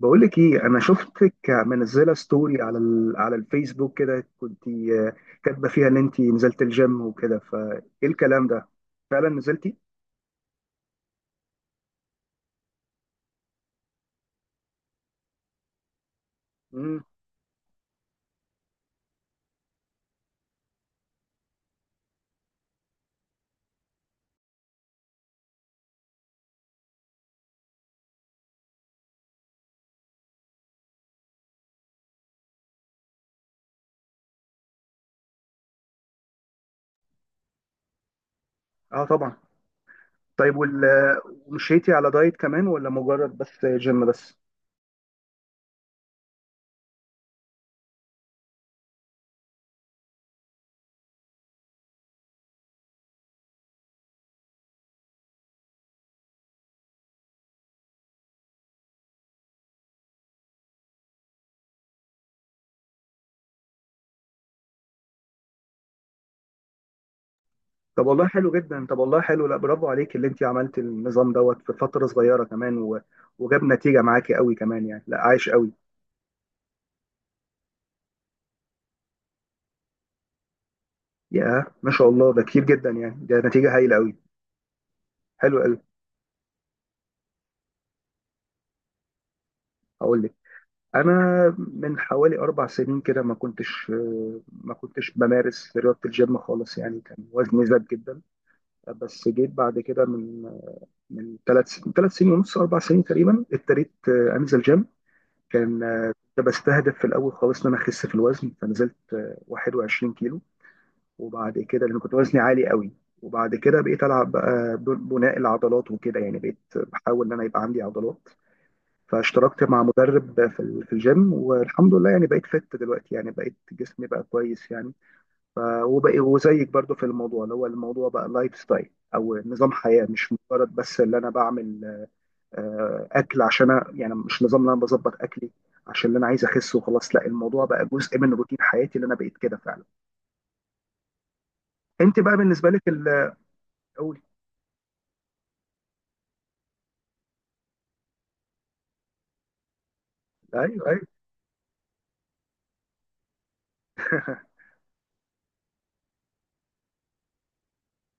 بقول لك ايه، انا شفتك منزله ستوري على الفيسبوك كده، كنت كاتبه فيها ان انت نزلت الجيم وكده. فايه الكلام ده؟ فعلا نزلتي؟ امم. اه، طبعا. طيب ومشيتي على دايت كمان ولا مجرد بس جيم بس؟ طب والله حلو جدا، طب والله حلو لا برافو عليك اللي انت عملت النظام دوت في فتره صغيره كمان وجاب نتيجه معاكي قوي كمان، يعني لا، عايش قوي. يا ما شاء الله، ده كتير جدا يعني، ده نتيجه هايله قوي. حلو قوي. هقول لك. انا من حوالي 4 سنين كده ما كنتش بمارس رياضه الجيم خالص، يعني كان وزني زاد جدا. بس جيت بعد كده، من ثلاث سنين ونص، 4 سنين تقريبا، ابتديت انزل جيم. كان كنت بستهدف في الاول خالص ان انا اخس في الوزن، فنزلت 21 كيلو وبعد كده، لان كنت وزني عالي قوي. وبعد كده بقيت العب بقى بناء العضلات وكده، يعني بقيت بحاول ان انا يبقى عندي عضلات. فاشتركت مع مدرب في الجيم، والحمد لله يعني بقيت فت دلوقتي، يعني بقيت جسمي بقى كويس يعني. وبقى وزيك برضو في الموضوع، اللي هو الموضوع بقى لايف ستايل، او نظام حياة، مش مجرد بس اللي انا بعمل اكل. عشان أنا يعني مش نظام اللي انا بظبط اكلي عشان اللي انا عايز اخس وخلاص، لا، الموضوع بقى جزء من روتين حياتي اللي انا بقيت كده فعلا. انت بقى بالنسبة لك قولي. ايوه، ايوه.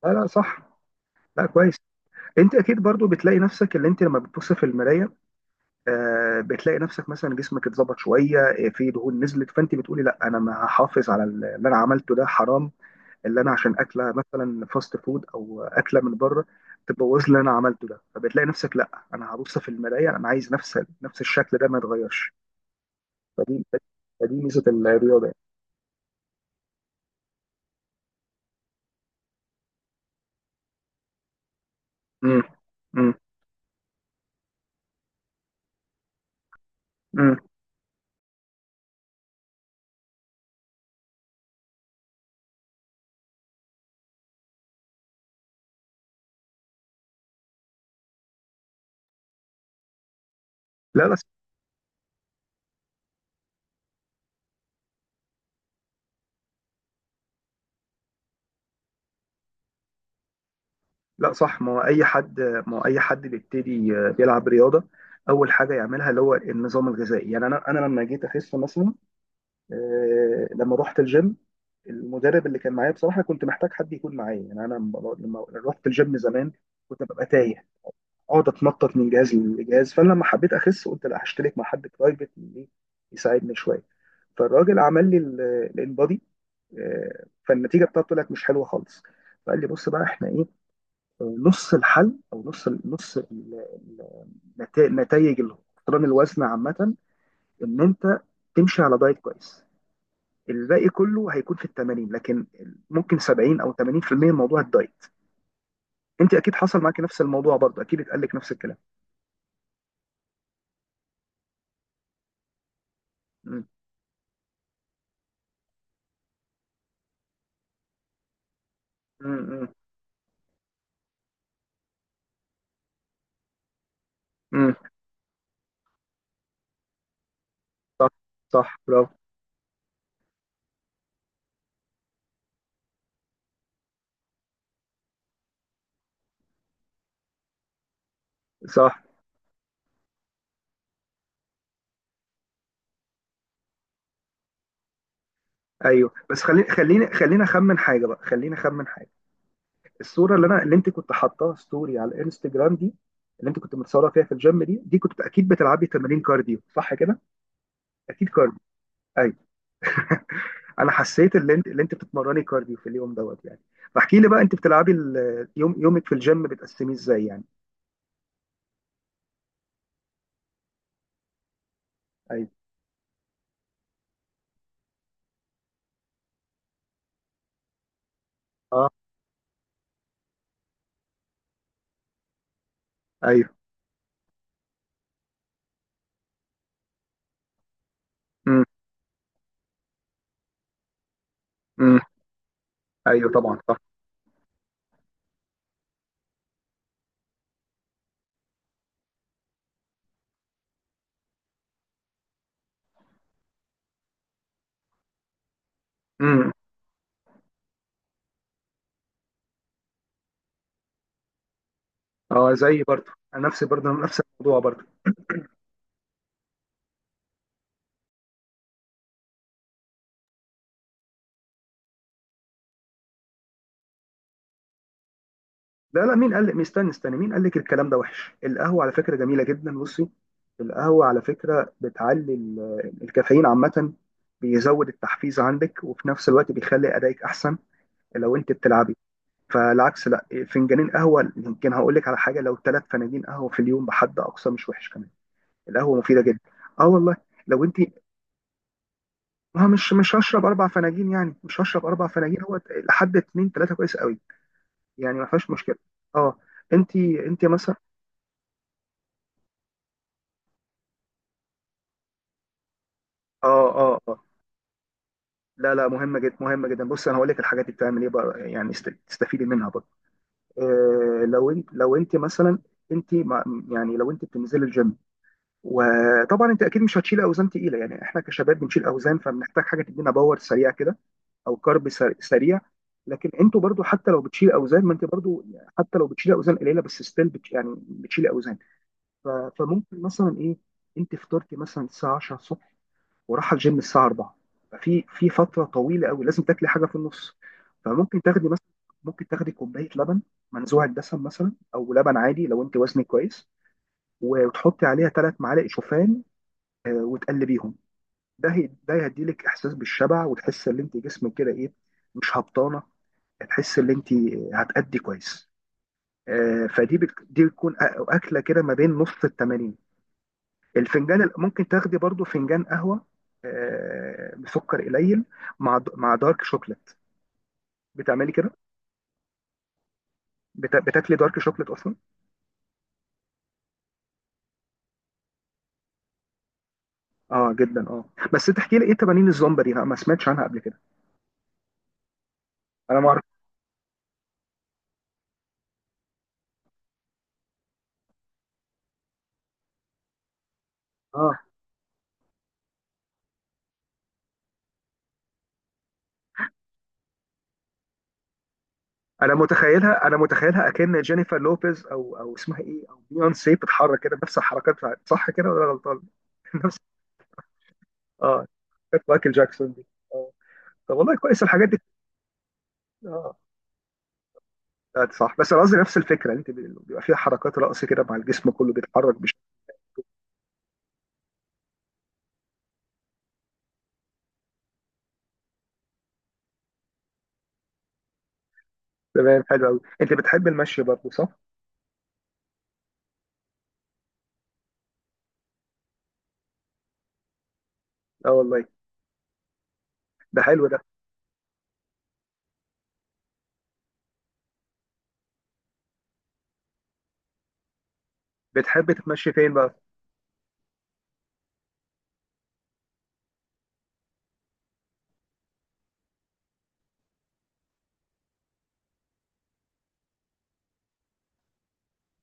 لا لا، صح. لا، كويس. انت اكيد برضو بتلاقي نفسك، اللي انت لما بتبص في المراية بتلاقي نفسك مثلا جسمك اتظبط شويه، في دهون نزلت، فانت بتقولي لا، انا ما هحافظ على اللي انا عملته، ده حرام اللي انا عشان اكله مثلا فاست فود او اكله من بره تبوظ اللي انا عملته ده. فبتلاقي نفسك لا، انا هبص في المرايه، انا عايز نفس الشكل ده ما يتغيرش. فدي فدي ميزه الرياضه يعني. مم. مم. مم. لا، بس. لا، صح. ما هو اي حد بيبتدي بيلعب رياضه، اول حاجه يعملها اللي هو النظام الغذائي. يعني انا لما جيت اخس مثلا، لما رحت الجيم، المدرب اللي كان معايا بصراحه كنت محتاج حد يكون معايا. يعني انا لما رحت الجيم زمان كنت ببقى تايه، اقعد اتنطط من جهاز لجهاز، فانا لما حبيت اخس قلت لا، هشترك مع حد برايفت اللي يساعدني شويه. فالراجل عمل لي الانبادي، فالنتيجه بتاعته طلعت مش حلوه خالص. فقال لي بص بقى احنا ايه، نص الحل، او نص نتائج الاقتران الوزن عامه، ان انت تمشي على دايت كويس، الباقي كله هيكون في ال 80، لكن ممكن 70 او 80% من موضوع الدايت. انت اكيد حصل معاك نفس الموضوع برضه، اكيد اتقال لك نفس الكلام. مم. مم. مم. صح. صح، برافو. صح. ايوه، بس خليني خليني خليني اخمن حاجه بقى، خليني اخمن حاجه. الصوره اللي انت كنت حاطاها ستوري على الانستجرام دي، اللي انت كنت متصوره فيها في الجيم دي، كنت اكيد بتلعبي تمارين كارديو صح كده؟ اكيد كارديو. ايوه. انا حسيت اللي انت بتتمرني كارديو في اليوم دوت يعني. فاحكي لي بقى انت بتلعبي يومك في الجيم بتقسميه ازاي يعني؟ ايوه. اه، ايوه. امم. امم. ايوه، طبعا، صح. امم. اه، زي برضه انا نفسي برضه نفس الموضوع برضه. لا لا، مين قال لك؟ استنى استنى، مين قال لك الكلام ده وحش؟ القهوه على فكره جميله جدا، بصي. القهوه على فكره بتعلي الكافيين عامه، بيزود التحفيز عندك، وفي نفس الوقت بيخلي ادائك احسن لو انت بتلعبي. فالعكس، لا، فنجانين قهوه، يمكن هقول لك على حاجه، لو 3 فناجين قهوه في اليوم بحد اقصى مش وحش كمان. القهوه مفيده جدا. اه والله. لو انت، ما مش هشرب 4 فناجين يعني، مش هشرب 4 فناجين. هو لحد اتنين تلاته كويس قوي، يعني ما فيهاش مشكله. اه. انت مثلا. اه، اه، اه. لا لا، مهمه جدا، مهمه جدا. بص انا هقول لك الحاجات اللي بتعمل ايه بقى يعني، تستفيدي منها برضه. آه، لو انت مثلا، انت يعني لو انت بتنزلي الجيم، وطبعا انت اكيد مش هتشيل اوزان تقيله، يعني احنا كشباب بنشيل اوزان فبنحتاج حاجه تدينا باور سريع كده، او كارب سريع. لكن انتوا برضو، حتى لو بتشيل اوزان، ما انت برضو حتى لو بتشيل اوزان قليله بس ستيل بت يعني بتشيل اوزان. ف- فممكن مثلا ايه، انت فطرتي مثلا الساعه 10 الصبح، وراح الجيم الساعه 4، ففي فتره طويله قوي لازم تاكلي حاجه في النص. فممكن تاخدي مثلا، ممكن تاخدي كوبايه لبن منزوع الدسم مثلا، او لبن عادي لو انت وزنك كويس، وتحطي عليها 3 معالق شوفان وتقلبيهم. ده هيديلك احساس بالشبع، وتحس ان انت جسمك كده ايه، مش هبطانه، هتحس ان انت هتأدي كويس. آه، فدي دي بتكون اكله كده ما بين نص التمانين. الفنجان ممكن تاخدي برضو فنجان قهوه بسكر قليل، مع دارك شوكليت، بتعملي كده. بتاكلي دارك شوكليت اصلا؟ اه جدا، اه. بس تحكي لي ايه تمارين الزومبا دي؟ انا ما سمعتش عنها قبل كده. انا ما اعرف. اه. انا متخيلها اكن جينيفر لوبيز، او اسمها ايه، او بيونسي، بتتحرك كده نفس الحركات بتاعت، صح كده ولا أنا غلطان؟ نفس، اه. كانت مايكل جاكسون دي. اه. طب والله كويس الحاجات دي. اه، آه، صح. بس انا قصدي نفس الفكره، انت بيبقى فيها حركات رقص كده، مع الجسم كله بيتحرك بشكل. تمام، حلو قوي. انت بتحب المشي برضه صح؟ اه والله. ده حلو ده. بتحب تتمشي فين بقى؟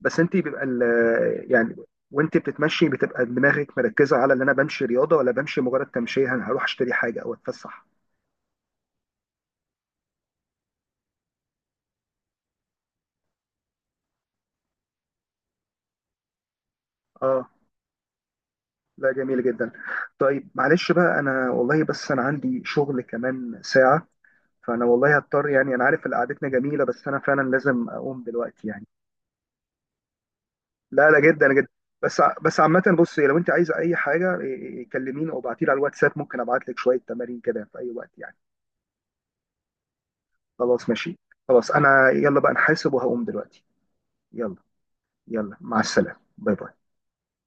بس انت بيبقى يعني، وانت بتتمشي بتبقى دماغك مركزه على ان انا بمشي رياضه، ولا بمشي مجرد تمشيه، انا هروح اشتري حاجه او اتفسح؟ اه. لا، جميل جدا. طيب معلش بقى، انا والله بس انا عندي شغل كمان ساعة، فانا والله هضطر، يعني انا عارف ان قعدتنا جميلة، بس انا فعلا لازم اقوم دلوقتي يعني. لا لا، جدا جدا. بس عامة، بص لو انت عايزة اي حاجة، إيه، إيه، كلميني او ابعتيلي على الواتساب، ممكن ابعت لك شوية تمارين كده في اي وقت يعني. خلاص، ماشي. خلاص، انا يلا بقى نحاسب وهقوم دلوقتي. يلا. يلا، مع السلامة. باي باي.